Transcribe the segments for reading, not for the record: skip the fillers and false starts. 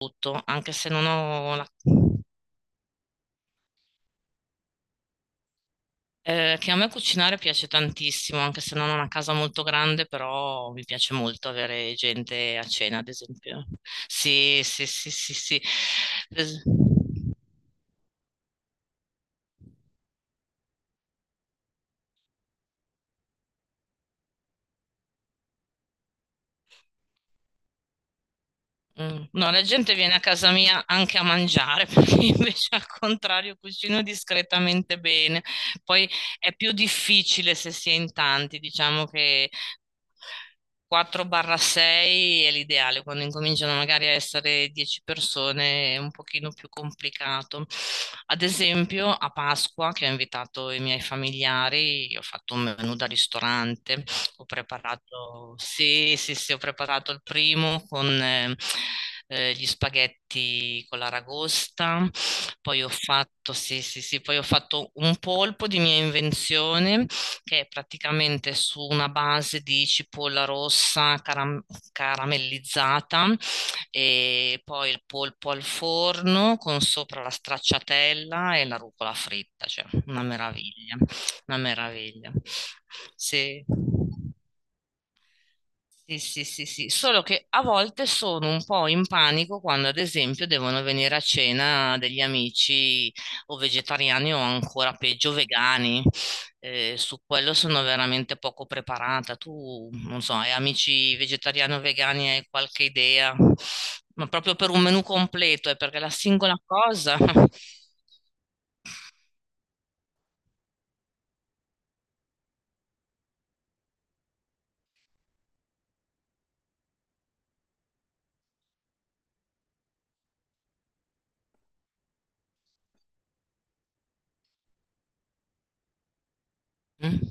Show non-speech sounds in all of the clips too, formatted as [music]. Tutto, anche se non ho la... che a me cucinare piace tantissimo, anche se non ho una casa molto grande, però mi piace molto avere gente a cena, ad esempio. Sì, sì, sì, sì, sì. Es- Mm. No, la gente viene a casa mia anche a mangiare, [laughs] perché io invece al contrario cucino discretamente bene. Poi è più difficile se si è in tanti, diciamo che 4-6 è l'ideale, quando incominciano magari a essere 10 persone è un pochino più complicato. Ad esempio, a Pasqua, che ho invitato i miei familiari, io ho fatto un menù da ristorante, ho preparato, sì, sì, sì, ho preparato il primo con gli spaghetti con l'aragosta, poi ho fatto, sì, sì, sì, poi ho fatto un polpo di mia invenzione che è praticamente su una base di cipolla rossa caramellizzata e poi il polpo al forno con sopra la stracciatella e la rucola fritta, cioè una meraviglia, una meraviglia. Sì. Sì, sì, sì, sì, solo che a volte sono un po' in panico quando, ad esempio, devono venire a cena degli amici o vegetariani o ancora peggio vegani. Su quello sono veramente poco preparata. Tu, non so, hai amici vegetariani o vegani, hai qualche idea? Ma proprio per un menù completo, è perché la singola cosa. [laughs] Mm?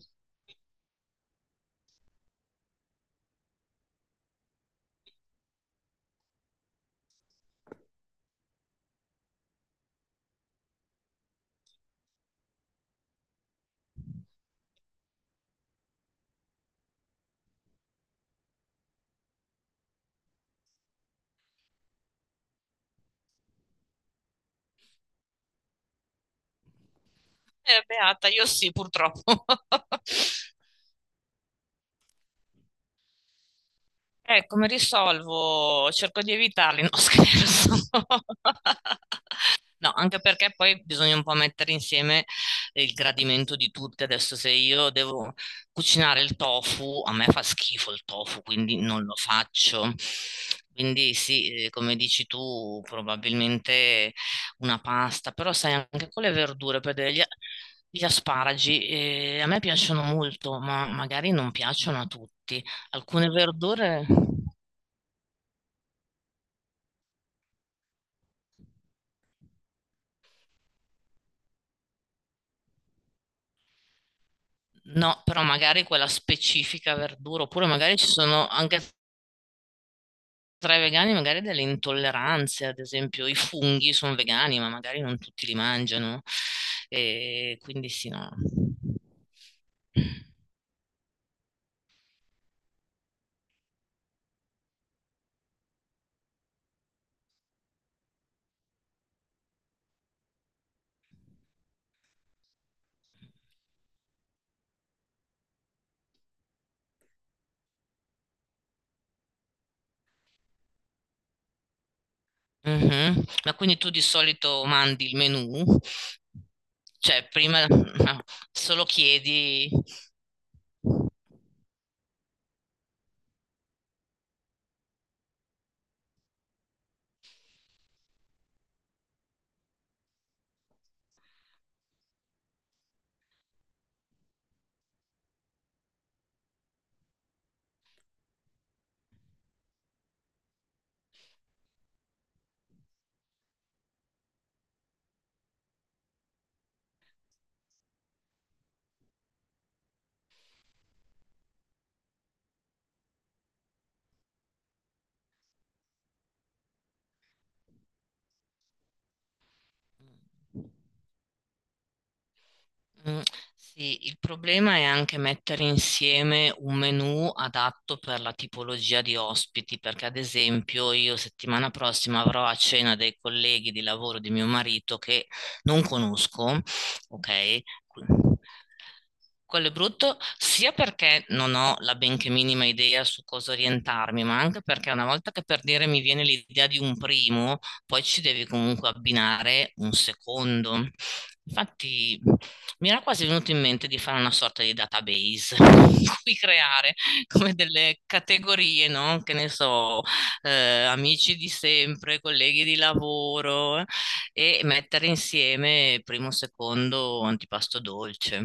Beata, io sì, purtroppo. [laughs] Come risolvo? Cerco di evitarli, no [laughs] scherzo. No, anche perché poi bisogna un po' mettere insieme il gradimento di tutti. Adesso se io devo cucinare il tofu, a me fa schifo il tofu, quindi non lo faccio. Quindi sì, come dici tu, probabilmente una pasta, però sai anche con le verdure, per gli asparagi, a me piacciono molto, ma magari non piacciono a tutti. Alcune verdure. No, però magari quella specifica verdura, oppure magari ci sono anche tra i vegani magari delle intolleranze, ad esempio i funghi sono vegani, ma magari non tutti li mangiano. E quindi sì, no. Mhm. Ma quindi tu di solito mandi il menù? Cioè, prima no, solo chiedi. Mm. Sì, il problema è anche mettere insieme un menù adatto per la tipologia di ospiti, perché ad esempio io settimana prossima avrò a cena dei colleghi di lavoro di mio marito che non conosco, ok? Quello è brutto sia perché non ho la benché minima idea su cosa orientarmi, ma anche perché una volta che per dire mi viene l'idea di un primo, poi ci devi comunque abbinare un secondo. Infatti, mi era quasi venuto in mente di fare una sorta di database, [laughs] in cui creare come delle categorie, no? Che ne so, amici di sempre, colleghi di lavoro, e mettere insieme primo, secondo, antipasto dolce.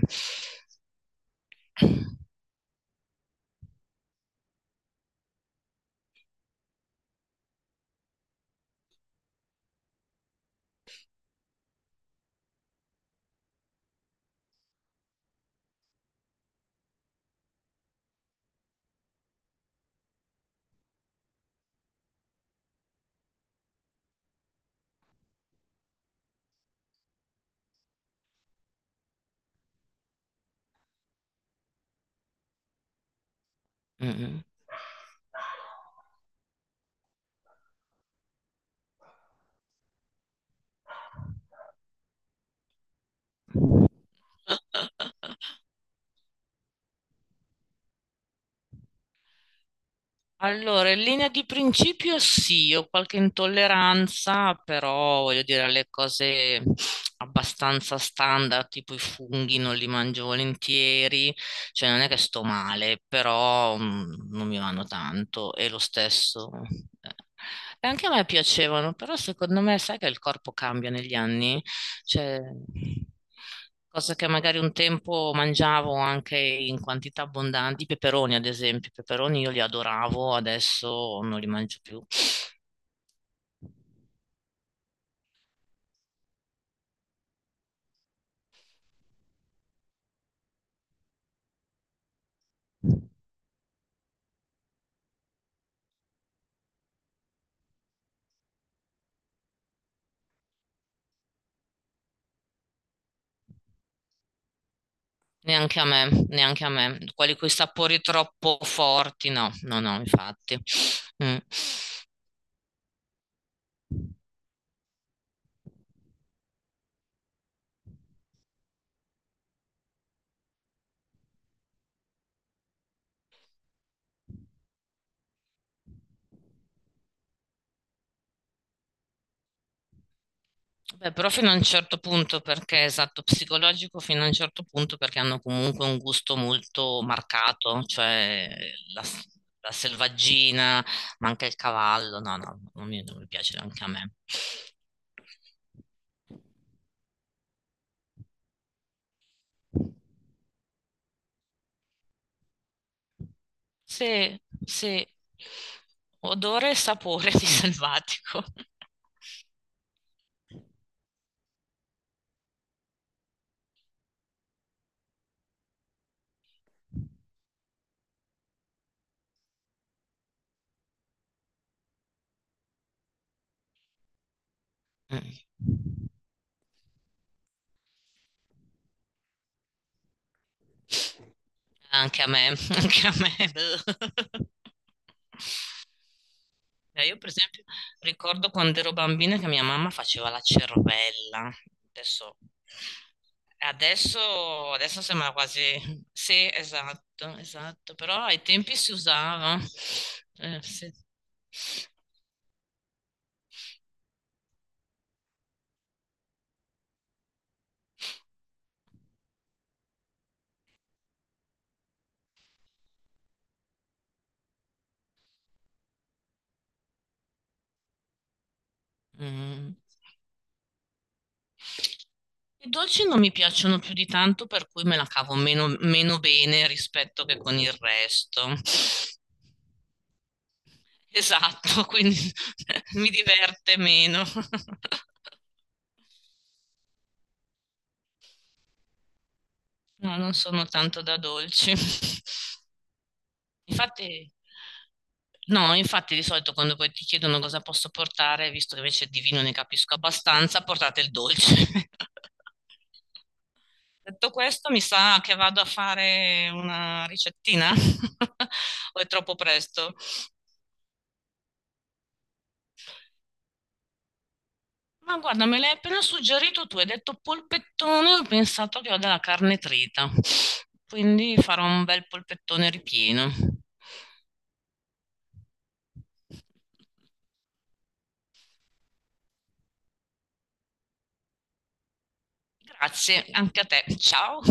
Mm. Allora, in linea di principio sì, ho qualche intolleranza, però voglio dire alle cose abbastanza standard, tipo i funghi non li mangio volentieri, cioè non è che sto male, però non mi vanno tanto e lo stesso. eh, E anche a me piacevano, però secondo me sai che il corpo cambia negli anni? Cioè, cosa che magari un tempo mangiavo anche in quantità abbondanti, i peperoni ad esempio, i peperoni io li adoravo, adesso non li mangio più. Neanche a me, neanche a me. Quelli con i sapori troppo forti, no, no, no, infatti. Mm. Beh, però fino a un certo punto, perché esatto, psicologico fino a un certo punto, perché hanno comunque un gusto molto marcato, cioè la, la selvaggina, ma anche il cavallo. No, no, non mi piace anche a me. Sì, sì, odore e sapore di selvatico. Mm. Anche a me, [laughs] anche a me. [laughs] Io per esempio ricordo quando ero bambina che mia mamma faceva la cervella. Adesso, adesso sembra quasi. Sì, esatto, esatto, però ai tempi si usava. Sì. Mm. I dolci non mi piacciono più di tanto, per cui me la cavo meno, meno bene rispetto che con il resto. Esatto, quindi [laughs] mi diverte meno. [laughs] No, non sono tanto da dolci. Infatti, no, infatti di solito quando poi ti chiedono cosa posso portare, visto che invece di vino ne capisco abbastanza, portate il dolce. [laughs] Detto questo, mi sa che vado a fare una ricettina [laughs] o è troppo presto? Ma guarda, me l'hai appena suggerito tu, hai detto polpettone, ho pensato che ho della carne trita, quindi farò un bel polpettone ripieno. Grazie, anche a te. Ciao.